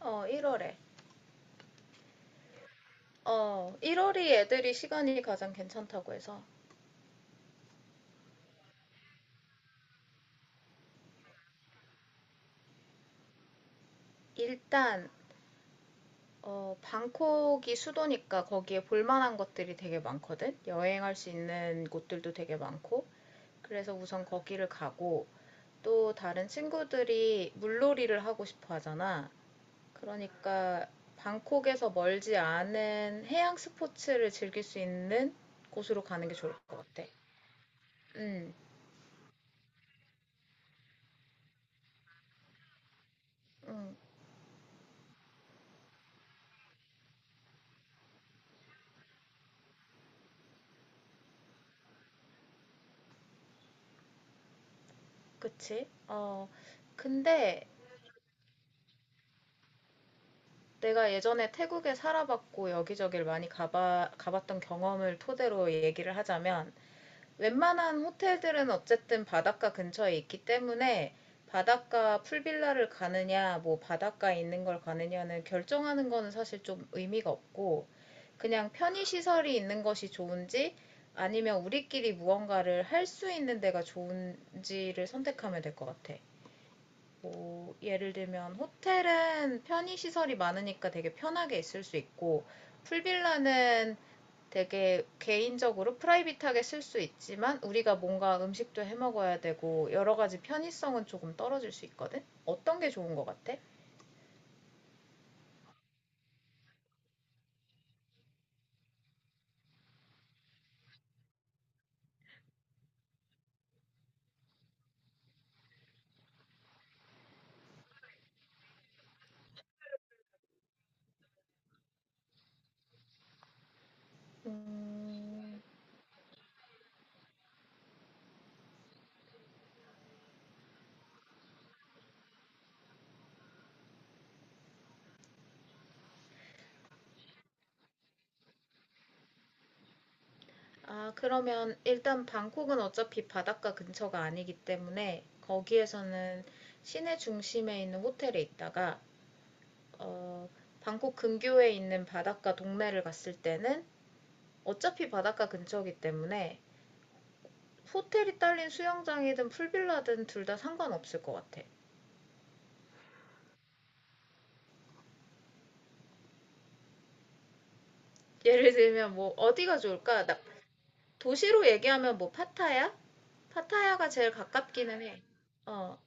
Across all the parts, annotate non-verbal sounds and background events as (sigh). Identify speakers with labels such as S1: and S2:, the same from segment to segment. S1: 1월에. 1월이 애들이 시간이 가장 괜찮다고 해서 일단 방콕이 수도니까 거기에 볼만한 것들이 되게 많거든. 여행할 수 있는 곳들도 되게 많고. 그래서 우선 거기를 가고 또 다른 친구들이 물놀이를 하고 싶어 하잖아. 그러니까 방콕에서 멀지 않은 해양 스포츠를 즐길 수 있는 곳으로 가는 게 좋을 것 같아. 응, 응, 그치? 근데 내가 예전에 태국에 살아봤고 여기저기를 많이 가봤던 경험을 토대로 얘기를 하자면 웬만한 호텔들은 어쨌든 바닷가 근처에 있기 때문에 바닷가 풀빌라를 가느냐, 뭐 바닷가에 있는 걸 가느냐는 결정하는 거는 사실 좀 의미가 없고 그냥 편의시설이 있는 것이 좋은지 아니면 우리끼리 무언가를 할 수 있는 데가 좋은지를 선택하면 될 것 같아. 뭐 예를 들면 호텔은 편의 시설이 많으니까 되게 편하게 있을 수 있고 풀빌라는 되게 개인적으로 프라이빗하게 쓸 수 있지만 우리가 뭔가 음식도 해 먹어야 되고 여러 가지 편의성은 조금 떨어질 수 있거든. 어떤 게 좋은 것 같아? 음, 아, 그러면 일단 방콕은 어차피 바닷가 근처가 아니기 때문에 거기에서는 시내 중심에 있는 호텔에 있다가 어, 방콕 근교에 있는 바닷가 동네를 갔을 때는 어차피 바닷가 근처이기 때문에 호텔이 딸린 수영장이든 풀빌라든 둘 다 상관없을 것 같아. 예를 들면 뭐 어디가 좋을까? 도시로 얘기하면 뭐 파타야? 파타야가 제일 가깝기는 해. 어,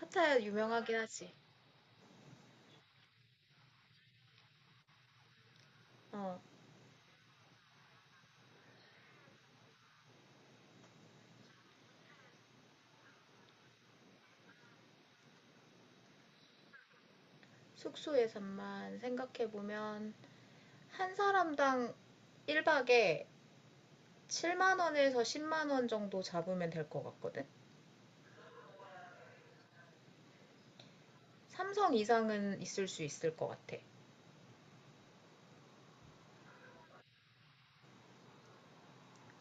S1: 파타야 유명하긴 하지. 어, 숙소 예산만 생각해보면 한 사람당 1박에 7만 원에서 10만 원 정도 잡으면 될 것 같거든. 삼성 이상은 있을 수 있을 것 같아.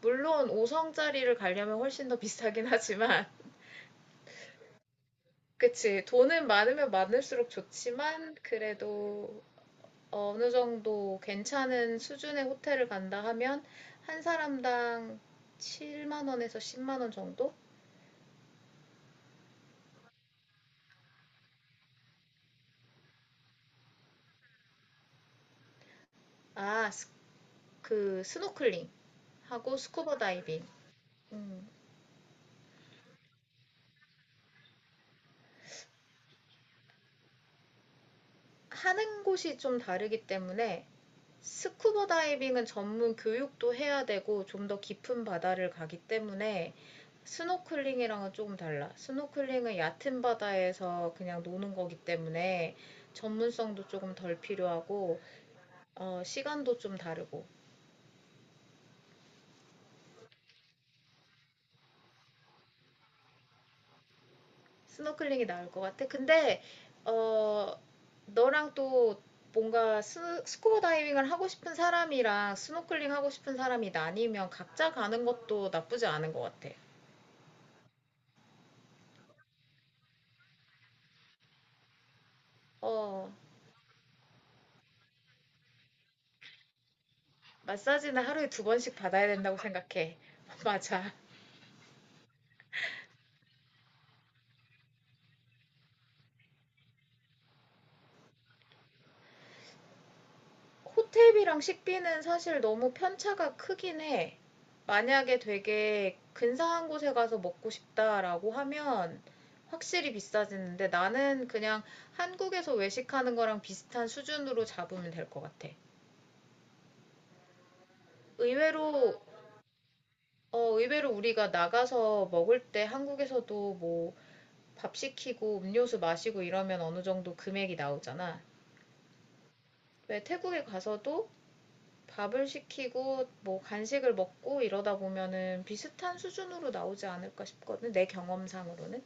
S1: 물론 오 성짜리를 가려면 훨씬 더 비싸긴 하지만 (laughs) 그치. 돈은 많으면 많을수록 좋지만 그래도 어느 정도 괜찮은 수준의 호텔을 간다 하면 한 사람당 7만 원에서 10만 원 정도? 아, 그 스노클링 하고 스쿠버 다이빙. 음, 하는 곳이 좀 다르기 때문에 스쿠버 다이빙은 전문 교육도 해야 되고 좀 더 깊은 바다를 가기 때문에 스노클링이랑은 조금 달라. 스노클링은 얕은 바다에서 그냥 노는 거기 때문에 전문성도 조금 덜 필요하고 시간도 좀 다르고 스노클링이 나을 것 같아. 근데 어, 너랑 또 뭔가 스쿠버 다이빙을 하고 싶은 사람이랑 스노클링 하고 싶은 사람이 나뉘면 각자 가는 것도 나쁘지 않은 것 같아. 어, 마사지는 하루에 두 번씩 받아야 된다고 생각해. (laughs) 맞아. 호텔비랑 식비는 사실 너무 편차가 크긴 해. 만약에 되게 근사한 곳에 가서 먹고 싶다라고 하면 확실히 비싸지는데 나는 그냥 한국에서 외식하는 거랑 비슷한 수준으로 잡으면 될 것 같아. 의외로, 의외로 우리가 나가서 먹을 때 한국에서도 뭐 밥 시키고 음료수 마시고 이러면 어느 정도 금액이 나오잖아. 왜 태국에 가서도 밥을 시키고 뭐 간식을 먹고 이러다 보면은 비슷한 수준으로 나오지 않을까 싶거든. 내 경험상으로는.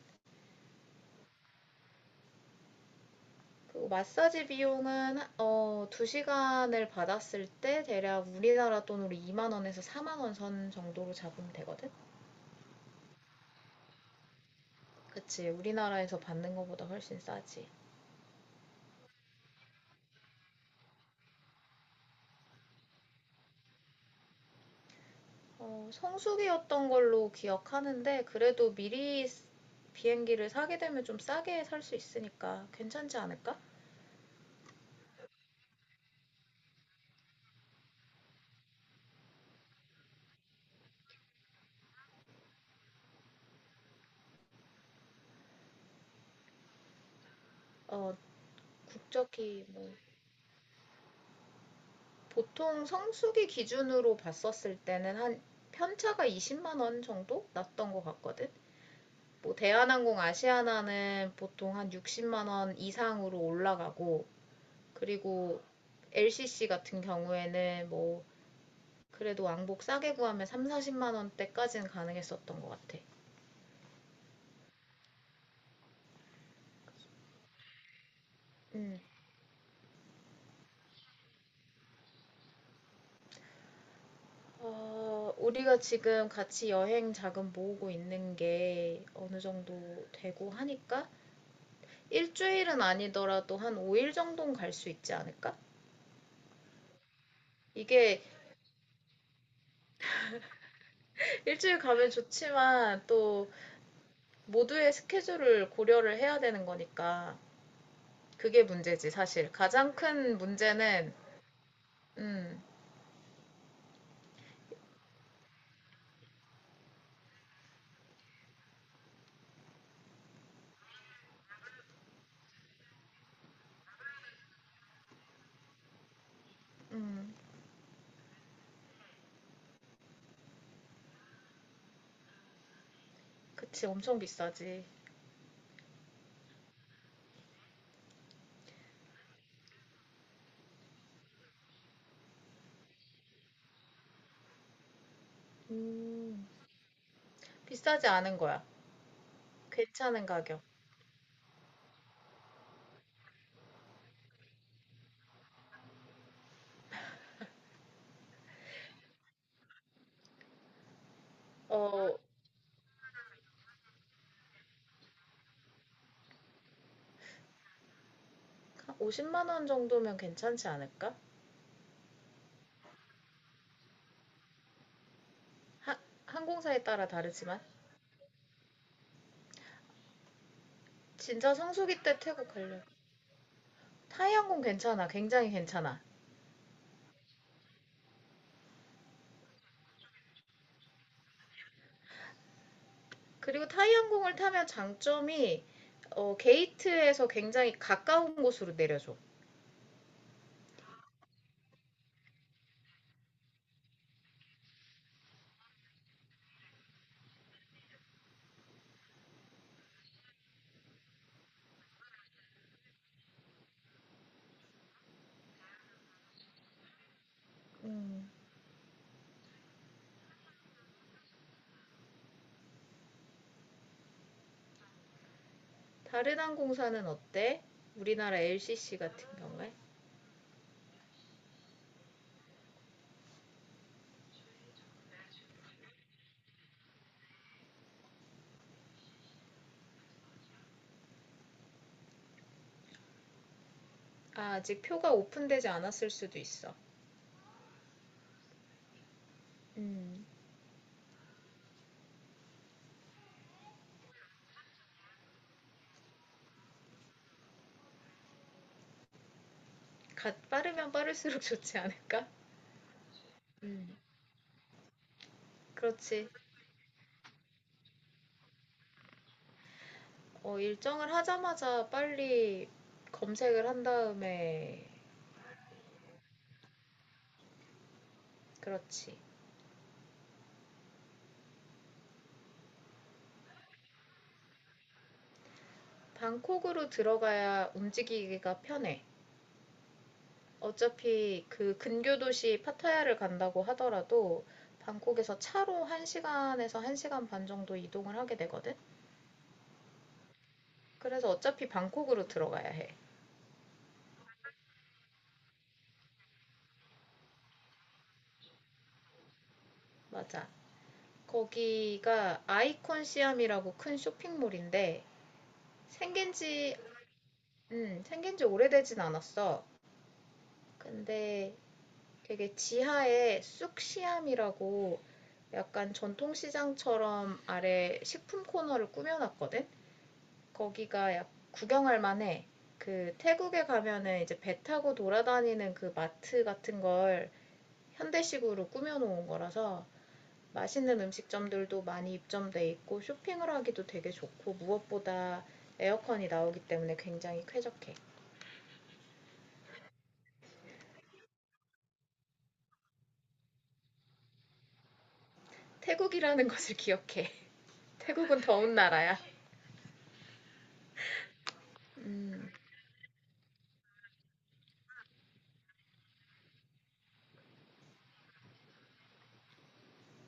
S1: 그리고 마사지 비용은 2시간을 받았을 때 대략 우리나라 돈으로 2만 원에서 4만 원 선 정도로 잡으면 되거든. 그치. 우리나라에서 받는 것보다 훨씬 싸지. 성수기였던 걸로 기억하는데 그래도 미리 비행기를 사게 되면 좀 싸게 살 수 있으니까 괜찮지 않을까? 어, 국적이 뭐 보통 성수기 기준으로 봤었을 때는 한 편차가 20만 원 정도 났던 것 같거든. 뭐 대한항공 아시아나는 보통 한 60만 원 이상으로 올라가고, 그리고 LCC 같은 경우에는 뭐 그래도 왕복 싸게 구하면 3, 40만 원대까지는 가능했었던 것 같아. 음. 우리가 지금 같이 여행 자금 모으고 있는 게 어느 정도 되고 하니까 일주일은 아니더라도 한 5일 정도는 갈 수 있지 않을까? 이게 일주일 가면 좋지만 또 모두의 스케줄을 고려를 해야 되는 거니까 그게 문제지. 사실 가장 큰 문제는. 음 그치, 엄청 비싸지. 음 비싸지 않은 거야. 괜찮은 가격. 어한 50만 원 정도면 괜찮지 않을까? 하, 항공사에 따라 다르지만 진짜 성수기 때 태국 가려. 타이항공 괜찮아, 굉장히 괜찮아. 그리고 타이항공을 타면 장점이 게이트에서 굉장히 가까운 곳으로 내려줘. 다른 항공사는 어때? 우리나라 LCC 같은 경우에? 아, 아직 표가 오픈되지 않았을 수도 있어. 음, 빠르면 빠를수록 (laughs) 좋지 않을까? 음. 그렇지. 일정을 하자마자 빨리 검색을 한 다음에. 그렇지. 방콕으로 들어가야 움직이기가 편해. 어차피 그 근교 도시 파타야를 간다고 하더라도 방콕에서 차로 1시간에서 1시간 반 정도 이동을 하게 되거든. 그래서 어차피 방콕으로 들어가야 해. 맞아. 거기가 아이콘 시암이라고 큰 쇼핑몰인데 생긴 지 생긴 지 오래되진 않았어. 근데 되게 지하에 쑥시암이라고 약간 전통시장처럼 아래 식품 코너를 꾸며놨거든. 거기가 약 구경할 만해. 그 태국에 가면은 이제 배 타고 돌아다니는 그 마트 같은 걸 현대식으로 꾸며놓은 거라서 맛있는 음식점들도 많이 입점돼 있고 쇼핑을 하기도 되게 좋고 무엇보다 에어컨이 나오기 때문에 굉장히 쾌적해. 태국이라는 것을 기억해. (laughs) 태국은 더운 나라야. 음,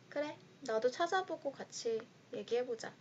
S1: 그래. 나도 찾아보고 같이 얘기해보자.